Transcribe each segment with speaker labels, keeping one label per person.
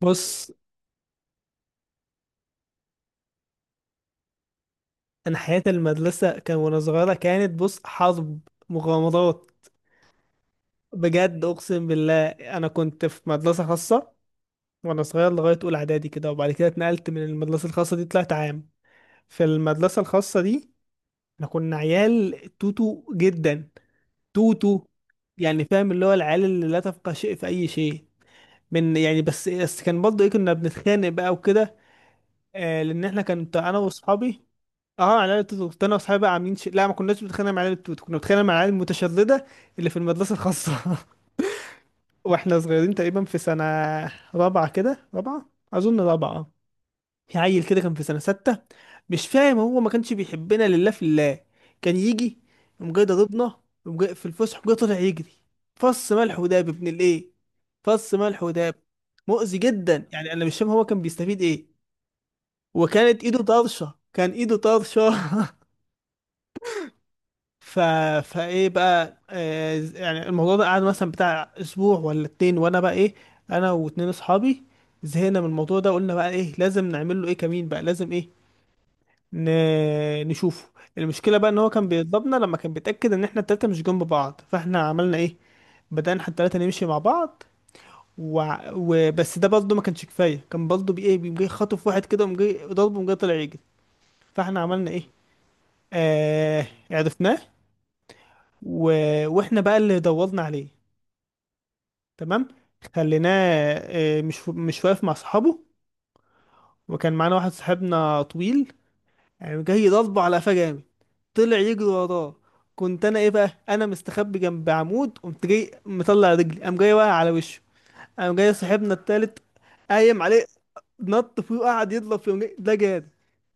Speaker 1: بص، انا حياة المدرسة كان وانا صغيرة كانت بص حرب، مغامرات. بجد اقسم بالله، انا كنت في مدرسة خاصة وانا صغير لغاية اولى اعدادي كده، وبعد كده اتنقلت من المدرسة الخاصة دي، طلعت عام. في المدرسة الخاصة دي احنا كنا عيال توتو جدا، توتو. يعني فاهم اللي هو العيال اللي لا تفقه شيء في اي شيء. من يعني بس كان برضه ايه، كنا بنتخانق بقى وكده. لان احنا، كنت انا واصحابي، اه على العيال التوت، كنت انا واصحابي بقى عاملين لا، ما كناش بنتخانق مع العيال التوت، كنا بنتخانق مع العيال المتشردة اللي في المدرسة الخاصة. واحنا صغيرين تقريبا في سنة رابعة كده، رابعة، اظن رابعة. في عيل كده كان في سنة 6، مش فاهم هو ما كانش بيحبنا لله في الله. كان يجي يقوم جاي ضربنا، يقوم جاي في الفسحة، يقوم جاي طالع يجري، فص ملح وداب ابن الايه، فص ملح وداب. مؤذي جدا، يعني انا مش فاهم هو كان بيستفيد ايه. وكانت ايده طرشة، كان ايده طرشة. ف... فايه بقى يعني الموضوع ده قعد مثلا بتاع اسبوع ولا اتنين، وانا بقى ايه، انا واتنين اصحابي زهقنا من الموضوع ده. قلنا بقى ايه، لازم نعمل له ايه، كمين بقى لازم ايه، ن... نشوفه. المشكله بقى ان هو كان بيضربنا لما كان بيتاكد ان احنا التلاته مش جنب بعض، فاحنا عملنا ايه، بدانا احنا التلاته نمشي مع بعض. وبس ده برضه ما كانش كفايه، كان برضه بايه، بيقوم جاي خاطف واحد كده، وقوم جاي ضربه، وقوم جاي طلع يجري. فاحنا عملنا ايه، عرفناه. و... واحنا بقى اللي دورنا عليه، تمام، خليناه مش واقف مع صحابه. وكان معانا واحد صاحبنا طويل، يعني جاي يضربه على قفاه جامد، طلع يجري وراه. كنت انا ايه بقى، انا مستخبي جنب عمود، قمت جاي مطلع رجلي، قام جاي واقع على وشه. قام جاي صاحبنا التالت قايم عليه، نط فيه وقعد يضرب فيه. ده جاد،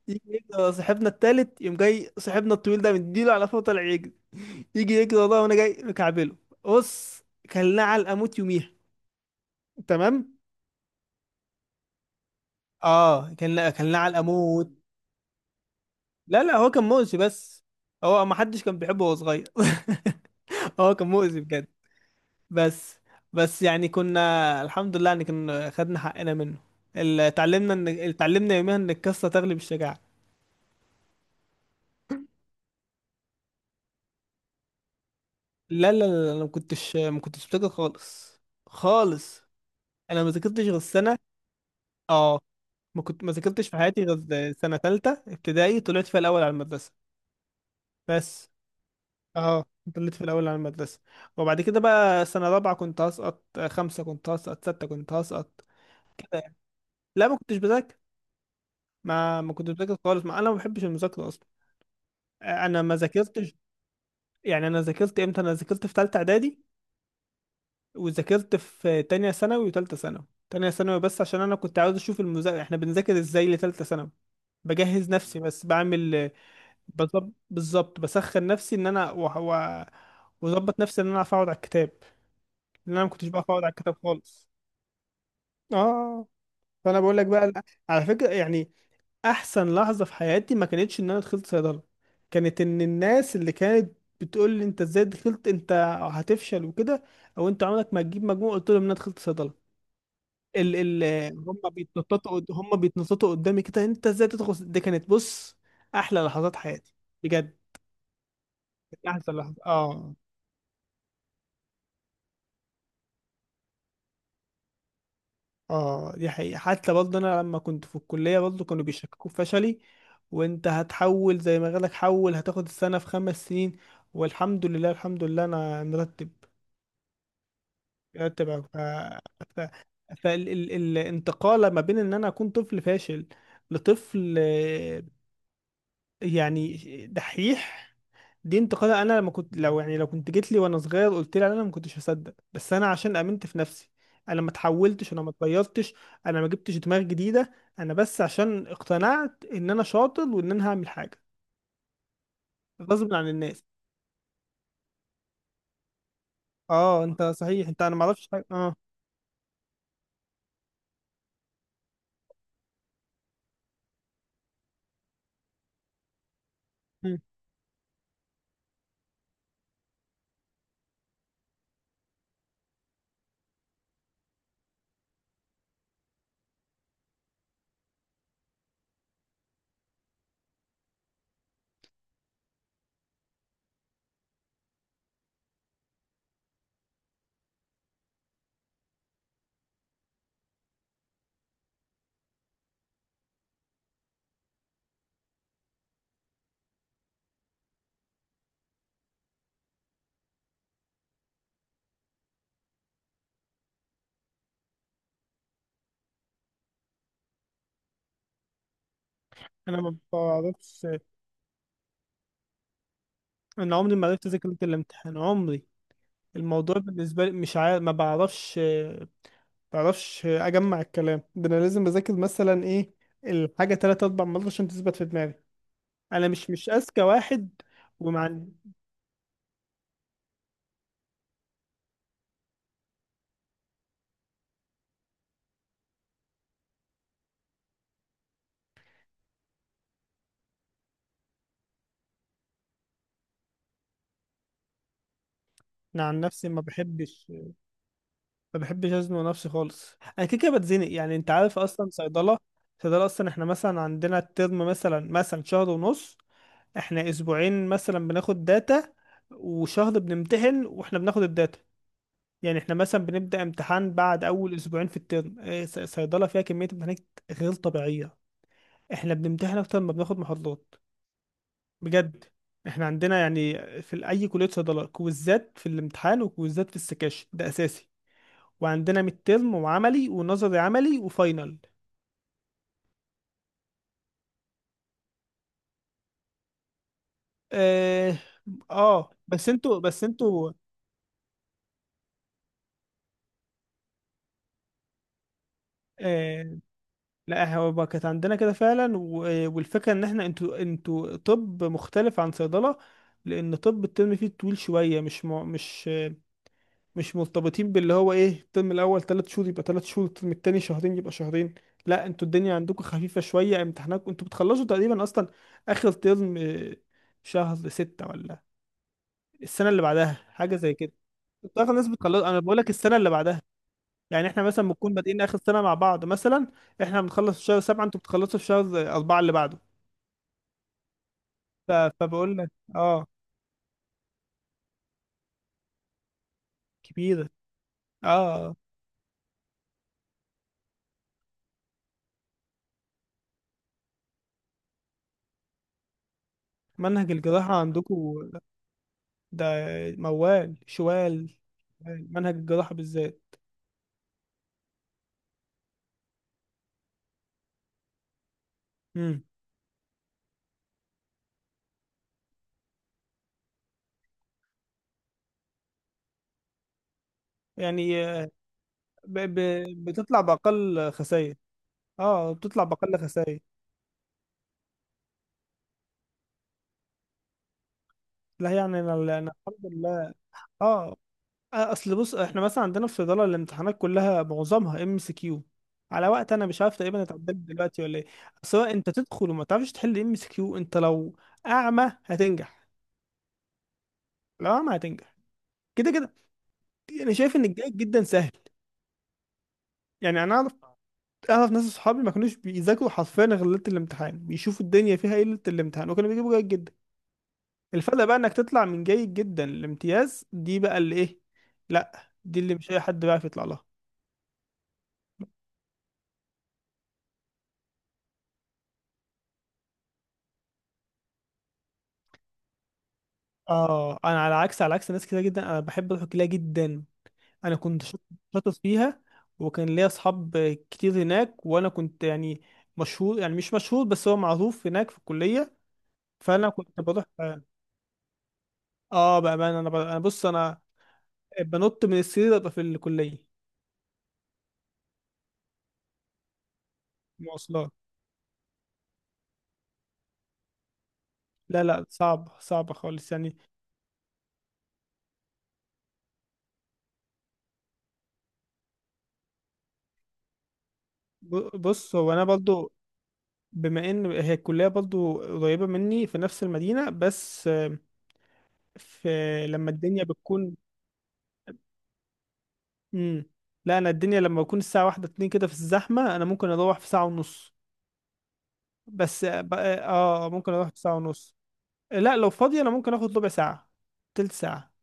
Speaker 1: يجي يجري ورا صاحبنا التالت، يقوم جاي صاحبنا الطويل ده مديله على فوق طالع يجري، يجي يجري وراه وانا جاي مكعبله. بص، كلناه على الاموت يوميها، تمام. اه، كان علقه موت. لا لا، هو كان مؤذي بس، هو ما حدش كان بيحبه وهو صغير. هو كان مؤذي بجد بس. بس يعني كنا الحمد لله ان كنا خدنا حقنا منه. اتعلمنا يوميها ان القصه تغلب الشجاعه. لا لا لا لا، انا ما كنتش بذاكر خالص، خالص. انا ما ذاكرتش غير السنه. اه، ما كنت ما ذاكرتش في حياتي غير سنه ثالثه ابتدائي، طلعت فيها الاول على المدرسه بس. اه ضليت في الاول على المدرسه. وبعد كده بقى سنه رابعه كنت هسقط، خمسه كنت هسقط، سته كنت هسقط. لا ما كنتش بذاكر، ما كنتش بذاكر خالص، ما انا ما بحبش المذاكره اصلا. انا ما ذاكرتش. يعني انا ذاكرت امتى؟ انا ذاكرت في ثالثه اعدادي، وذاكرت في تانية ثانوي وثالثه ثانوي. تانية ثانوي بس عشان انا كنت عاوز اشوف المذاكره احنا بنذاكر ازاي لثالثه ثانوي، بجهز نفسي بس، بعمل بالظبط، بسخن نفسي ان انا واظبط نفسي ان انا اعرف اقعد على الكتاب، لان انا ما كنتش بعرف اقعد على الكتاب خالص. اه. فانا بقول لك بقى لا، على فكره، يعني احسن لحظه في حياتي ما كانتش ان انا دخلت صيدله، كانت ان الناس اللي كانت بتقول لي انت ازاي دخلت انت، هتفشل وكده، او انت عمرك ما هتجيب مجموع، قلت لهم ان انا دخلت صيدله. ال ال هم بيتنططوا قدامي كده، انت ازاي تدخل صيد-" دي كانت بص، احلى لحظات حياتي بجد. كانت احسن لحظه، اه. اه دي حقيقة، حتى برضه انا لما كنت في الكلية برضه كانوا بيشككوا في فشلي، وانت هتحول زي ما قالك، حول، هتاخد السنة في 5 سنين. والحمد لله الحمد لله انا مرتب، مرتب أوي. ف... فالانتقال ما بين ان انا اكون طفل فاشل، لطفل يعني دحيح، دي انتقادة. انا لما كنت، لو يعني لو كنت جيت لي وانا صغير قلت لي، انا ما كنتش هصدق. بس انا عشان امنت في نفسي، انا ما اتحولتش، انا ما اتغيرتش، انا ما جبتش دماغ جديدة، انا بس عشان اقتنعت ان انا شاطر وان انا هعمل حاجة غصب عن الناس. اه، انت صحيح، انت انا ما اعرفش حاجة. اه. مم. انا ما بعرفش، انا عمري ما عرفت اذاكر ليلة الامتحان، عمري. الموضوع بالنسبة لي مش عارف، ما بعرفش، متعرفش اجمع الكلام ده. انا لازم اذاكر مثلا ايه الحاجه تلات اربع مرات عشان تثبت في دماغي. انا مش اذكى واحد. ومع، أنا عن نفسي ما بحبش ازنق نفسي خالص، انا كده كده بتزنق، يعني انت عارف اصلا صيدله. صيدله اصلا احنا مثلا عندنا الترم مثلا شهر ونص، احنا اسبوعين مثلا بناخد داتا، وشهر بنمتحن واحنا بناخد الداتا. يعني احنا مثلا بنبدأ امتحان بعد اول اسبوعين في الترم. إيه، صيدلة فيها كمية امتحانات غير طبيعية، احنا بنمتحن اكتر ما بناخد محاضرات. بجد. احنا عندنا يعني في اي كليه صيدله كويزات في الامتحان، وكويزات في السكاشن ده اساسي. وعندنا ميد ترم، وعملي ونظري، عملي وفاينل. اه. بس انتوا آه لا هو كانت عندنا كده فعلا، والفكره ان احنا، انتوا، انتوا طب مختلف عن صيدله، لان طب الترم فيه طويل شويه، مش مش مرتبطين باللي هو ايه، الترم الاول 3 شهور يبقى 3 شهور، الترم التاني شهرين يبقى شهرين. لا انتوا الدنيا عندكم خفيفه شويه، امتحاناتكم انتوا بتخلصوا تقريبا اصلا اخر ترم شهر 6 ولا السنه اللي بعدها، حاجه زي كده. اغلب الناس بتخلص، انا بقول لك السنه اللي بعدها، يعني احنا مثلا بنكون بادئين اخر سنه مع بعض مثلا. احنا بنخلص في شهر 7، انتوا بتخلصوا في شهر 4 اللي بعده. ف... فبقول لك اه، كبيره. اه منهج الجراحه عندكم ده موال شوال، منهج الجراحة بالذات. امم. يعني ب... ب... بتطلع بأقل خسائر، اه بتطلع بأقل خسائر. لا يعني انا الحمد لله. اه. اصل بص احنا مثلا عندنا في صيدلة الامتحانات كلها معظمها ام اس كيو، على وقت انا مش عارف تقريبا اتعدلت دلوقتي ولا ايه. سواء انت تدخل وما تعرفش تحل ام اس كيو، انت لو اعمى هتنجح، لو اعمى هتنجح كده كده. انا شايف ان الجيد جدا سهل، يعني انا اعرف، اعرف ناس اصحابي ما كانوش بيذاكروا حرفيا غير ليله الامتحان، بيشوفوا الدنيا فيها ايه ليله الامتحان وكانوا بيجيبوا جيد جدا. الفرق بقى انك تطلع من جيد جدا لامتياز، دي بقى اللي ايه، لا دي اللي مش اي حد بيعرف يطلع لها. اه، انا على عكس ناس كتير جدا، انا بحب اروح الكليه جدا. انا شاطر فيها، وكان ليا اصحاب كتير هناك، وانا كنت يعني مشهور، يعني مش مشهور بس هو معروف هناك في الكليه، فانا كنت بروح. اه، بامانه انا انا بص، انا بنط من السرير ابقى في الكليه. مواصلات. لا لا صعب، صعب خالص يعني. بص هو انا برضو، بما ان هي الكليه برضو قريبه مني في نفس المدينه، بس آه، في لما الدنيا بتكون، مم، لا انا الدنيا لما بكون الساعه واحدة اتنين كده في الزحمه، انا ممكن اروح في ساعه ونص، بس اه ممكن اروح في ساعه ونص. لا لو فاضي انا ممكن اخد ربع ساعه، تلت ساعه.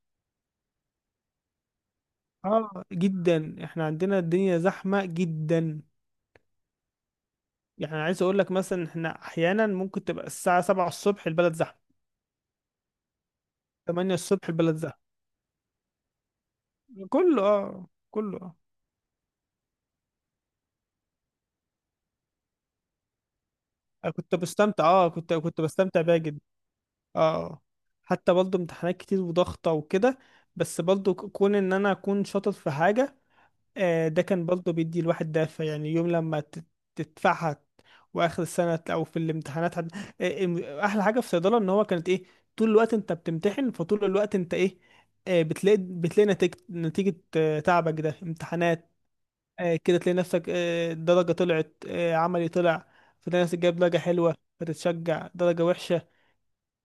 Speaker 1: اه جدا، احنا عندنا الدنيا زحمه جدا، يعني عايز اقول لك مثلا، احنا احيانا ممكن تبقى الساعه 7 الصبح البلد زحمه، 8 الصبح البلد زحمة. كله اه، كله اه. أنا كنت بستمتع، اه، كنت بستمتع بيها جدا. اه، حتى برضه امتحانات كتير وضغطة وكده، بس برضه كون ان انا اكون شاطر في حاجة، آه ده كان برضه بيدي الواحد دافع، يعني يوم لما تدفعها، واخر السنة او في الامتحانات. احلى حاجة في صيدلة ان هو كانت ايه، طول الوقت انت بتمتحن، فطول الوقت انت ايه، بتلاقي نتيجة تعبك ده امتحانات. كده تلاقي نفسك، درجة طلعت، عملي طلع، فتلاقي نفسك جايب درجة حلوة فتتشجع، درجة وحشة،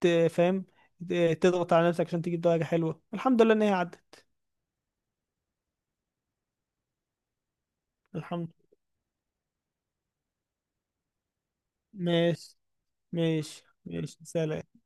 Speaker 1: فاهم. تضغط على نفسك عشان تجيب درجة حلوة، الحمد لله إن هي عدت. الحمد، ماشي، ماشي ماشي سلام.